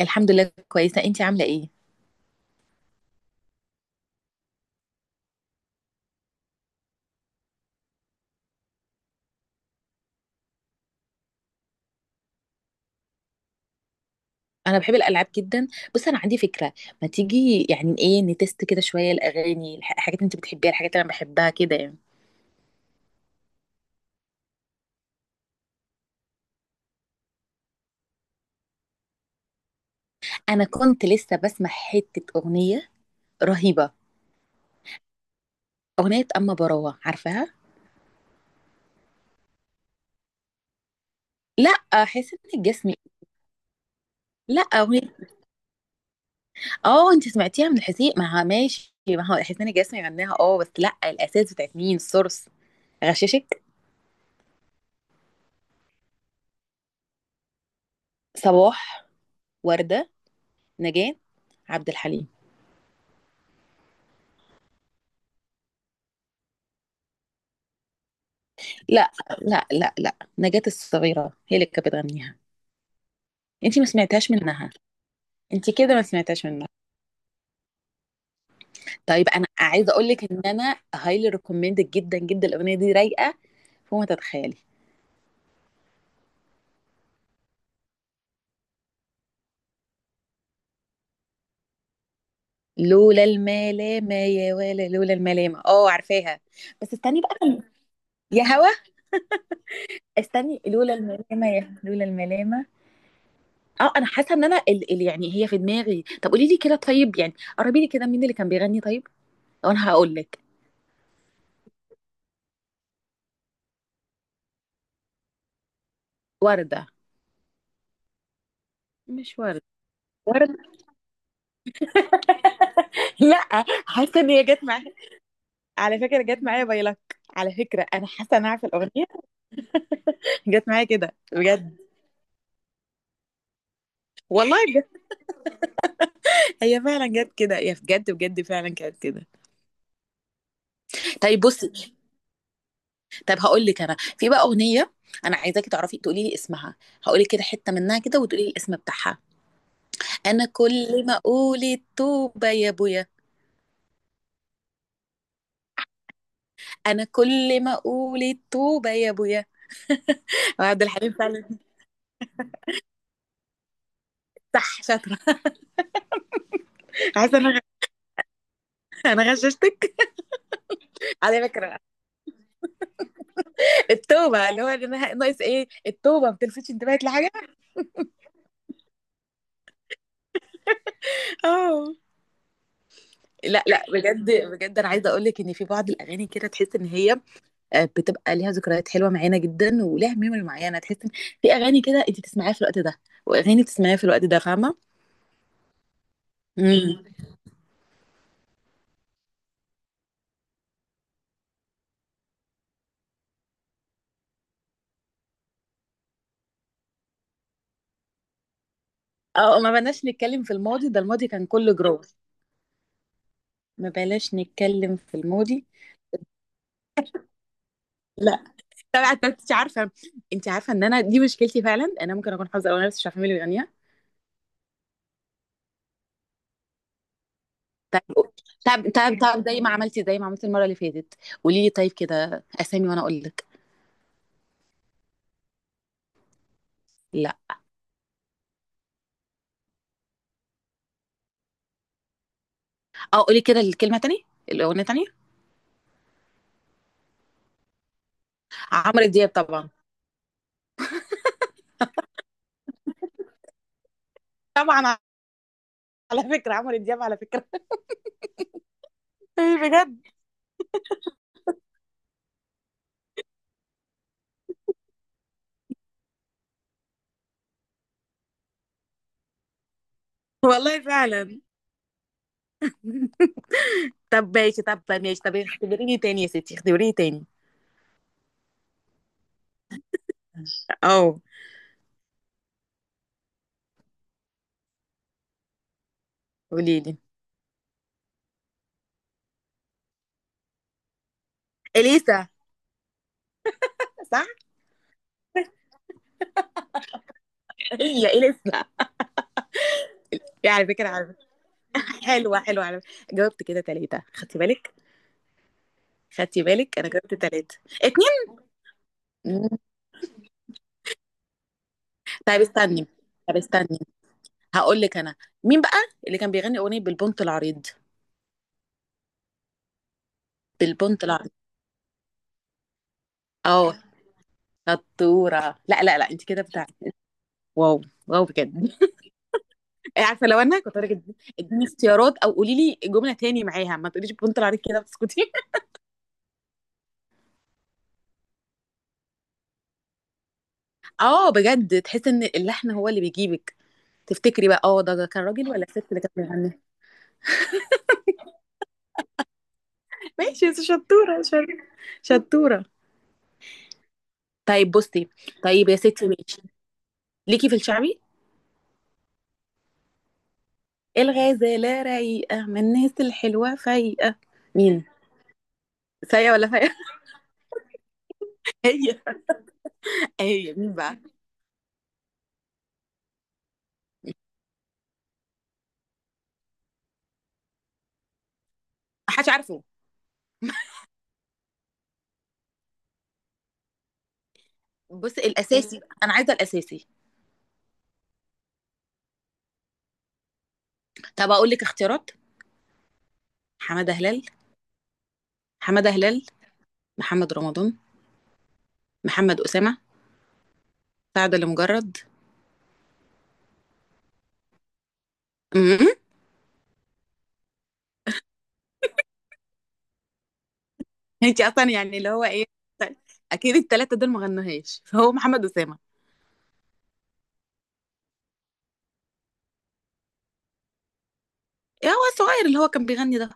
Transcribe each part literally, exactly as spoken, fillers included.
الحمد لله كويسة، انتي عاملة ايه؟ انا بحب الالعاب جدا. بص انا عندي فكرة. ما تيجي يعني ايه نتست كده شوية الاغاني الح- الحاجات اللي انت بتحبيها الحاجات اللي انا بحبها كده يعني. انا كنت لسه بسمع حتة اغنية رهيبة. اغنية اما براوة، عارفاها؟ لا حسين الجسمي. لا اغنية. اه انت سمعتيها من حسين. ما ها- ماشي، ما هو حسين الجسمي غناها. اه بس لا، الاساس بتاعت مين، السورس؟ غششك. صباح، وردة، نجاة، عبد الحليم. لا لا لا لا، نجاة الصغيرة هي اللي كانت بتغنيها. انتي ما سمعتهاش منها؟ انتي كده ما سمعتهاش منها. طيب انا عايزة اقول لك ان انا هايلي ريكومندد جدا جدا، الاغنية دي رايقة فوق ما تتخيلي. لولا الملامة يا ولا لولا الملامة، اه عارفاها. بس استني بقى، يا هوا، استني. لولا الملامة يا لولا الملامة. اه انا حاسة ان انا ال ال يعني هي في دماغي. طب قولي لي كده طيب، يعني قربي لي كده مين اللي كان بيغني طيب، وانا هقول لك. وردة؟ مش وردة. وردة. لا، حاسه ان هي جت معايا. على فكره جت معايا باي لك. على فكره انا حاسه ان انا عارفه الاغنيه. جت معايا كده بجد. والله بجد، هي فعلا جت كده، هي بجد بجد فعلا كانت كده. طيب بصي. طب هقول لك انا في بقى اغنيه، انا عايزاكي تعرفي تقولي لي اسمها. هقول لك كده حته منها كده وتقولي لي الاسم بتاعها. انا كل ما اقول التوبه يا ابويا. انا كل ما اقول التوبه يا ابويا. عبد الحليم فعلا. صح شاطره. عايزه انا، انا غششتك. على فكره التوبة اللي هو، اللي أنا ناقص ايه، التوبة، ما تلفتش انتباهك لحاجة؟ اه. لا لا بجد بجد، انا عايزه اقول لك ان في بعض الاغاني كده تحس ان هي آه، بتبقى ليها ذكريات حلوه معانا جدا ولها ميموري معينه. تحس ان في اغاني كده انت بتسمعيها في الوقت ده، واغاني بتسمعيها في الوقت ده. فاهمه؟ امم. اه، ما بلاش نتكلم في الماضي، ده الماضي كان كله جروح. ما بلاش نتكلم في الماضي. لا، طبعا انت عارفه. انت عارفه ان انا دي مشكلتي فعلا، انا ممكن اكون حافظه اغاني بس مش عارفه مين اللي بيغنيها. طب طب طب طب، زي ما عملتي زي ما عملتي المرة اللي فاتت، قولي لي طيب كده أسامي وأنا أقول لك. لا. أه، قولي كده الكلمة تاني، الأغنية تاني. عمرو دياب طبعا. طبعا على فكرة عمرو دياب على فكرة. بجد. والله فعلا. طب ماشي طب ماشي، طب اختبريني تاني يا ستي، اختبريني تاني. اه، قولي لي. اليسا. صح. هي اليسا. يا على فكره على فكره، حلوه حلوه على فكره، جاوبت كده ثلاثه خدتي بالك. خدتي بالك، انا جاوبت ثلاثه اتنين. طيب استني. طب استني، هقول لك انا، مين بقى اللي كان بيغني اغنيه بالبنط العريض؟ بالبنط العريض. اه شطوره. لا لا لا، انت كده بتاع. واو. واو بجد. عارفه لو انا كنت هقول لك ادي- اديني اختيارات او قولي لي جمله تاني معاها، ما تقوليش بالبنط العريض كده بتسكتي. اه بجد، تحس ان اللحن هو اللي بيجيبك. تفتكري بقى اه، ده كان راجل ولا ست اللي كانت بتغني؟ ماشي يا ستي، شطوره. شر- شطوره. طيب بصي. طيب يا ستي ماشي، ليكي في الشعبي. الغزاله رايقه من الناس الحلوه فايقه. مين؟ فيا ولا فيا؟ هي. هي مين بقى؟ محدش عارفه. بص الاساسي بقى، انا عايزه الاساسي. طب اقول لك اختيارات. حماده هلال. حماده هلال. محمد رمضان، محمد اسامه، سعد اللي مجرد. انت اصلا يعني اللي هو ايه، اكيد الثلاثه دول ما غنوهاش فهو محمد اسامه. إيه هو الصغير اللي هو كان بيغني ده.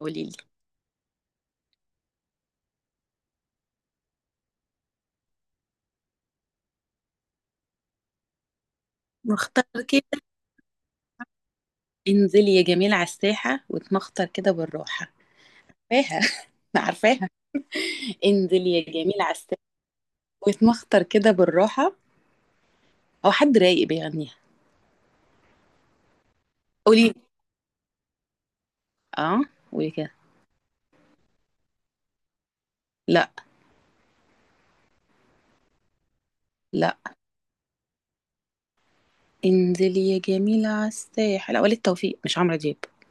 قولي لي. مختار كده، انزلي يا جميل على الساحه واتمخطر كده بالراحه. عارفاها. عارفاها. انزلي يا جميل على الساحه واتمخطر كده بالراحه. او حد رايق بيغنيها. قولي. اه قولي كده. لا لا. انزلي يا جميلة على الساحل، وليد توفيق مش عمرو دياب.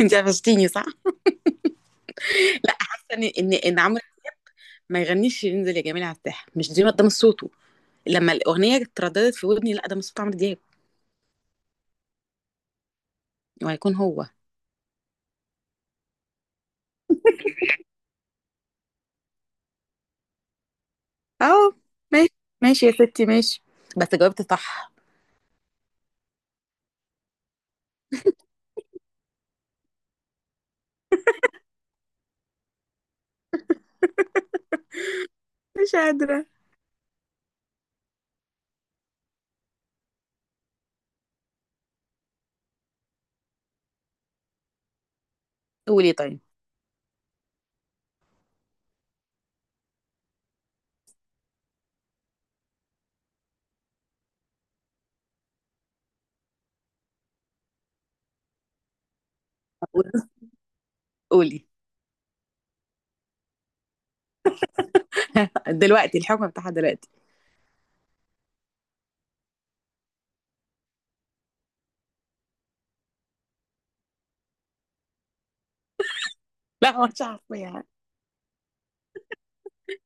انت قفشتيني صح. لا، حاسه ان ان ان عمرو ما يغنيش انزل يا جميلة على الساحل، مش دي، ده مش صوته. لما الاغنيه اترددت في ودني، لا ده مش صوت عمرو دياب. وهيكون هو. اه. ماشي. ماشي يا ستي ماشي. بس جاوبت صح. مش قادرة. قولي طيب. قولي. دلوقتي الحكم بتاعها دلوقتي. لا مش عارفة يعني.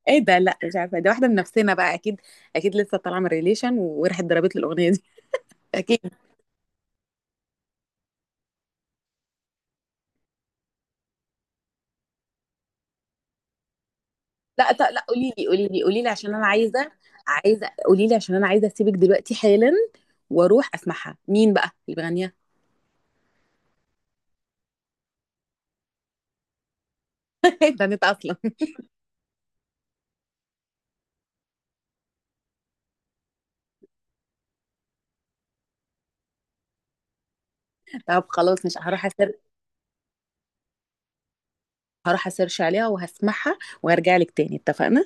ايه ده؟ لا مش عارفه، دي واحده من نفسنا بقى اكيد. اكيد لسه طالعه من ريليشن وراحت ضربت له الاغنيه دي. اكيد. لا ط- لا، قولي لي قولي لي قولي لي عشان انا عايزه، عايزه. قولي لي عشان انا عايزه اسيبك دلوقتي حالا واروح اسمعها، مين بقى اللي بيغنيها. ده نت اصلا. طب خلاص مش هروح اسير. هروح اسيرش عليها وهسمعها وهرجع لك تاني، اتفقنا؟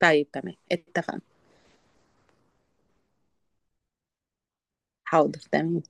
طيب تمام، اتفقنا. حاضر تمام.